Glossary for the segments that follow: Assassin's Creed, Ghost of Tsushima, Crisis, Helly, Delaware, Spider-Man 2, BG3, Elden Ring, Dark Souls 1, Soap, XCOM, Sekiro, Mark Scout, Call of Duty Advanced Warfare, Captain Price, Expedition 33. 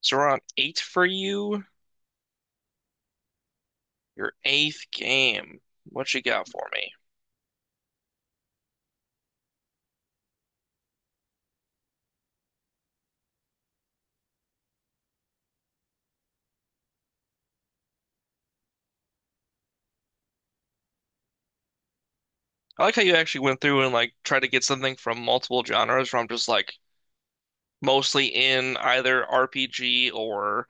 So we're on eight for you, your eighth game. What you got for me? I like how you actually went through and like tried to get something from multiple genres from just like mostly in either RPG or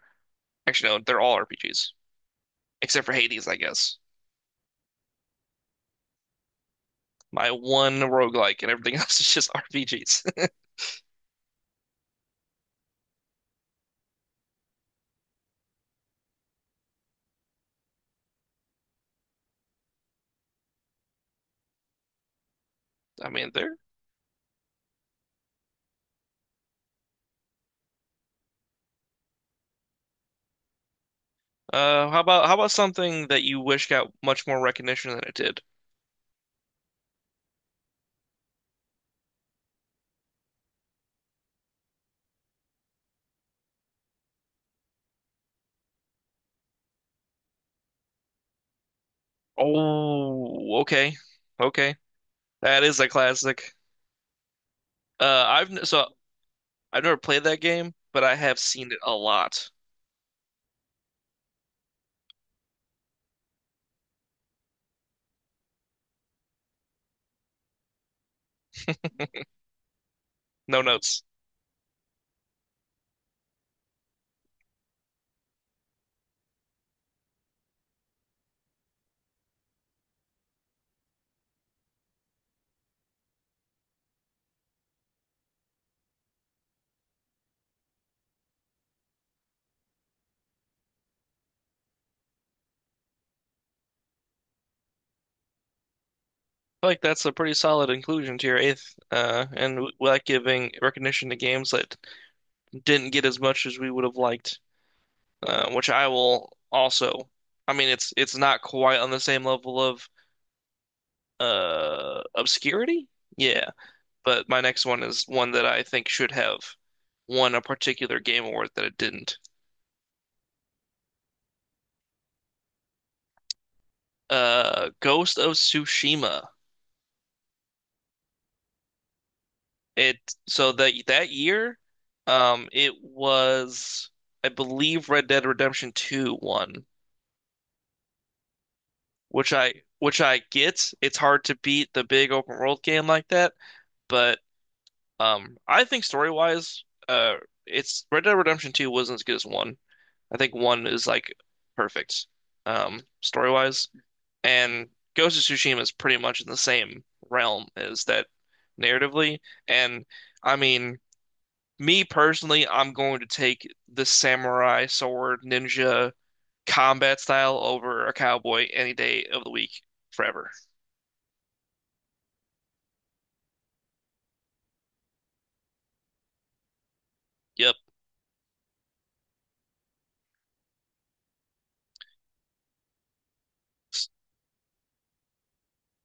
actually no, they're all RPGs except for Hades, I guess. My one roguelike and everything else is just RPGs. I mean, they're how about something that you wish got much more recognition than it did? Oh, okay. Okay. That is a classic. I've so I've never played that game, but I have seen it a lot. No notes. I feel like that's a pretty solid inclusion to your eighth, and we like giving recognition to games that didn't get as much as we would have liked, which I will also. I mean, it's not quite on the same level of obscurity, yeah, but my next one is one that I think should have won a particular game award that it didn't. Ghost of Tsushima. It so that that year, it was I believe Red Dead Redemption 2 won, which I get. It's hard to beat the big open world game like that, but I think story wise, it's Red Dead Redemption 2 wasn't as good as one. I think one is like perfect, story wise, and Ghost of Tsushima is pretty much in the same realm as that narratively, and I mean. Me personally, I'm going to take the samurai sword ninja combat style over a cowboy any day of the week forever. Yep.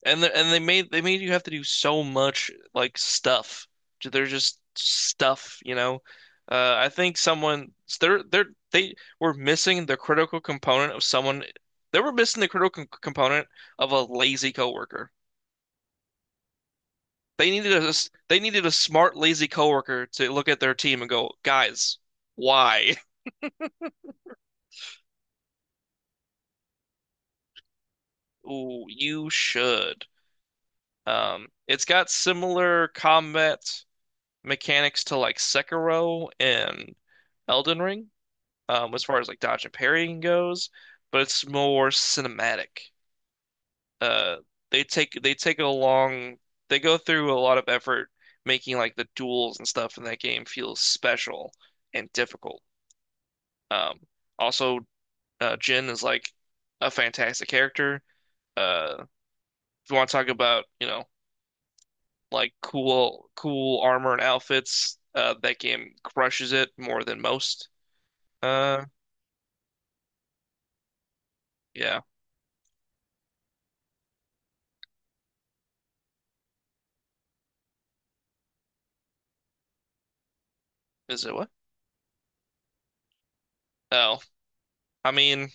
And they made you have to do so much like stuff. They're just stuff, you know. I think someone they're they were missing the critical component of someone. They were missing the critical component of a lazy coworker. They needed a they needed a smart, lazy coworker to look at their team and go, guys, why? Ooh, you should. It's got similar combat mechanics to like Sekiro and Elden Ring, as far as like dodge and parrying goes, but it's more cinematic. Uh, they take a long they go through a lot of effort making like the duels and stuff in that game feel special and difficult. Um, also Jin is like a fantastic character. Uh, if you want to talk about, you know, like cool, cool armor and outfits, that game crushes it more than most. Uh, yeah. Is it what? Oh, I mean,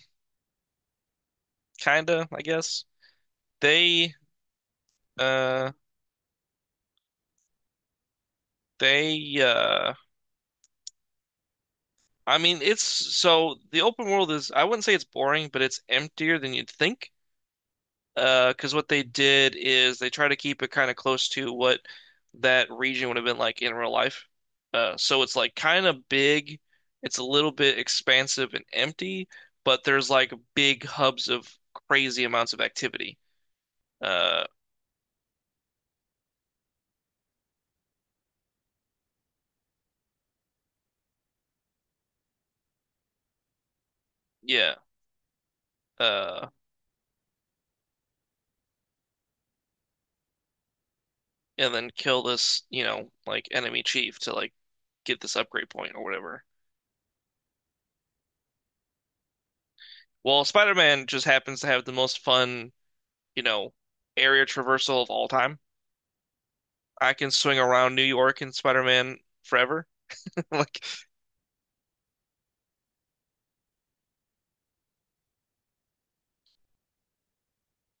kinda, I guess. They, uh, they, uh, I mean, it's so the open world is, I wouldn't say it's boring, but it's emptier than you'd think. Because what they did is they try to keep it kind of close to what that region would have been like in real life. So it's like kind of big, it's a little bit expansive and empty, but there's like big hubs of crazy amounts of activity. Uh, yeah. Uh, and then kill this, you know, like enemy chief to like get this upgrade point or whatever. Well, Spider-Man just happens to have the most fun, you know, area traversal of all time. I can swing around New York and Spider-Man forever. Like,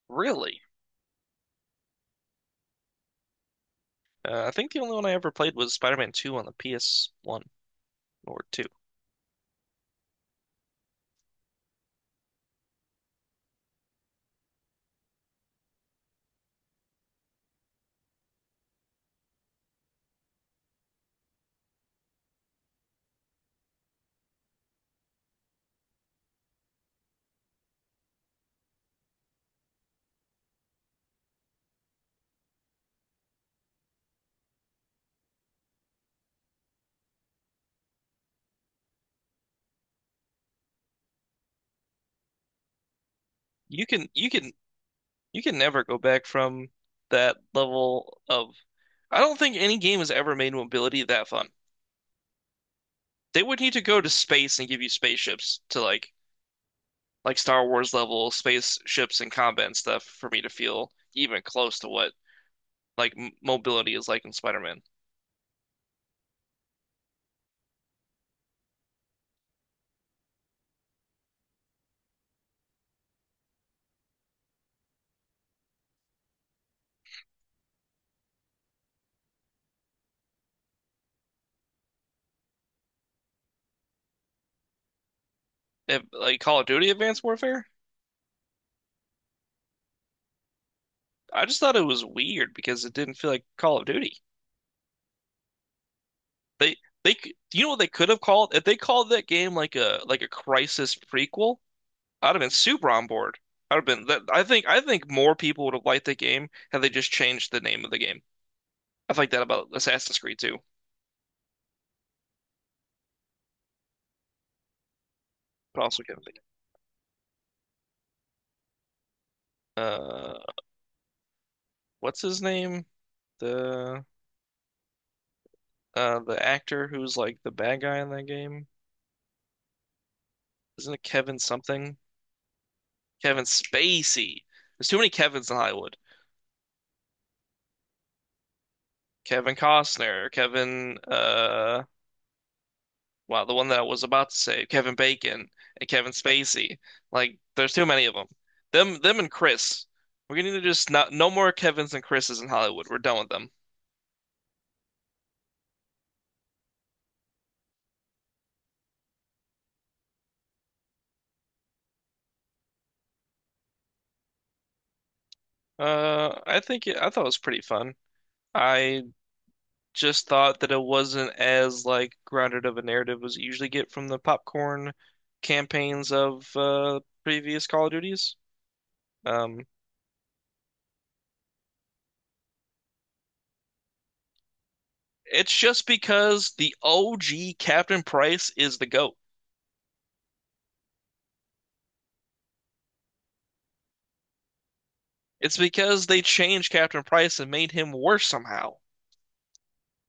really? I think the only one I ever played was Spider-Man 2 on the PS1 or 2. You can you can you can never go back from that level of I don't think any game has ever made mobility that fun. They would need to go to space and give you spaceships to like Star Wars level spaceships and combat and stuff for me to feel even close to what like m mobility is like in Spider-Man. If, like Call of Duty Advanced Warfare, I just thought it was weird because it didn't feel like Call of Duty. They you know what they could have called if they called that game like a Crisis prequel, I'd have been super on board. I'd have been that I think more people would have liked the game had they just changed the name of the game. I like that about Assassin's Creed too, but also kind of think uh what's his name? The the actor who's like the bad guy in that game. Isn't it Kevin something? Kevin Spacey. There's too many Kevins in Hollywood. Kevin Costner, Kevin, wow, the one that I was about to say, Kevin Bacon and Kevin Spacey. Like, there's too many of them. Them and Chris. We're gonna need to just not no more Kevins and Chris's in Hollywood. We're done with them. I think it, I thought it was pretty fun. I just thought that it wasn't as like grounded of a narrative as you usually get from the popcorn campaigns of previous Call of Duties. Um, it's just because the OG Captain Price is the GOAT. It's because they changed Captain Price and made him worse somehow.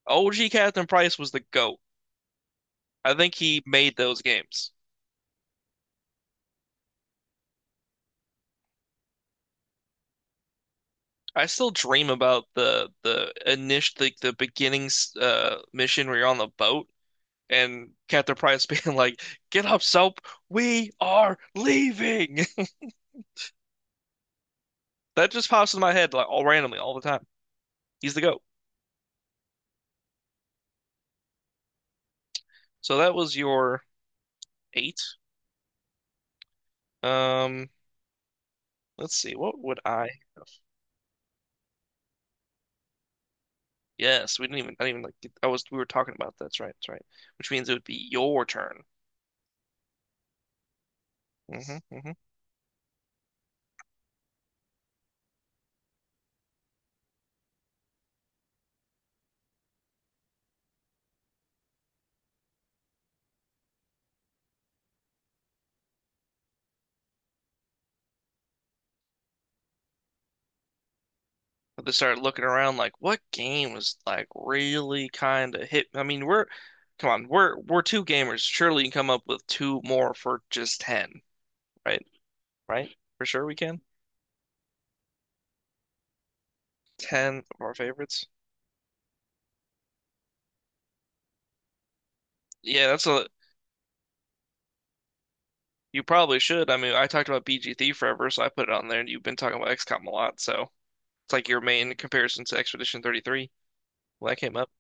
OG Captain Price was the GOAT. I think he made those games. I still dream about the initial the beginnings mission where you're on the boat and Captain Price being like, "Get up, Soap, we are leaving." That just pops in my head like all randomly all the time. He's the GOAT. So that was your eight. Um, let's see, what would I Yes, we didn't even. I didn't even like. Get, I was. We were talking about That's right. Which means it would be your turn. Hmm. Hmm. But they started looking around like, what game was like really kind of hit? I mean, come on, we're two gamers. Surely you can come up with two more for just ten, right? Right? For sure we can. Ten of our favorites. Yeah, that's a. You probably should. I mean, I talked about BG BGT forever, so I put it on there, and you've been talking about XCOM a lot, so it's like your main comparison to Expedition 33. Well, that came up.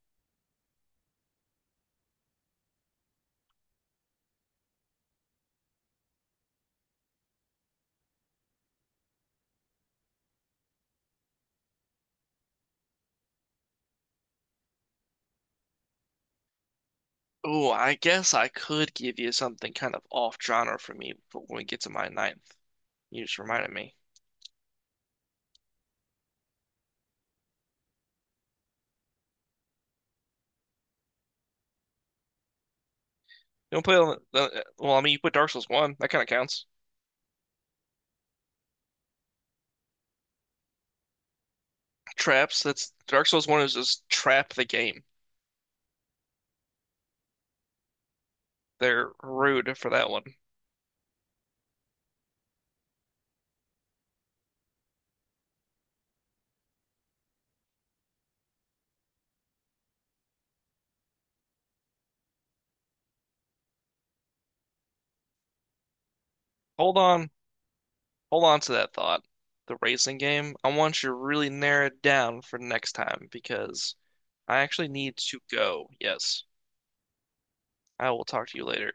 Oh, I guess I could give you something kind of off genre for me for when we get to my ninth. You just reminded me. You don't play on the, well, I mean, you put Dark Souls 1, that kind of counts. Traps, that's Dark Souls 1 is just trap the game. They're rude for that one. Hold on, hold on to that thought. The racing game, I want you to really narrow it down for next time because I actually need to go. Yes, I will talk to you later.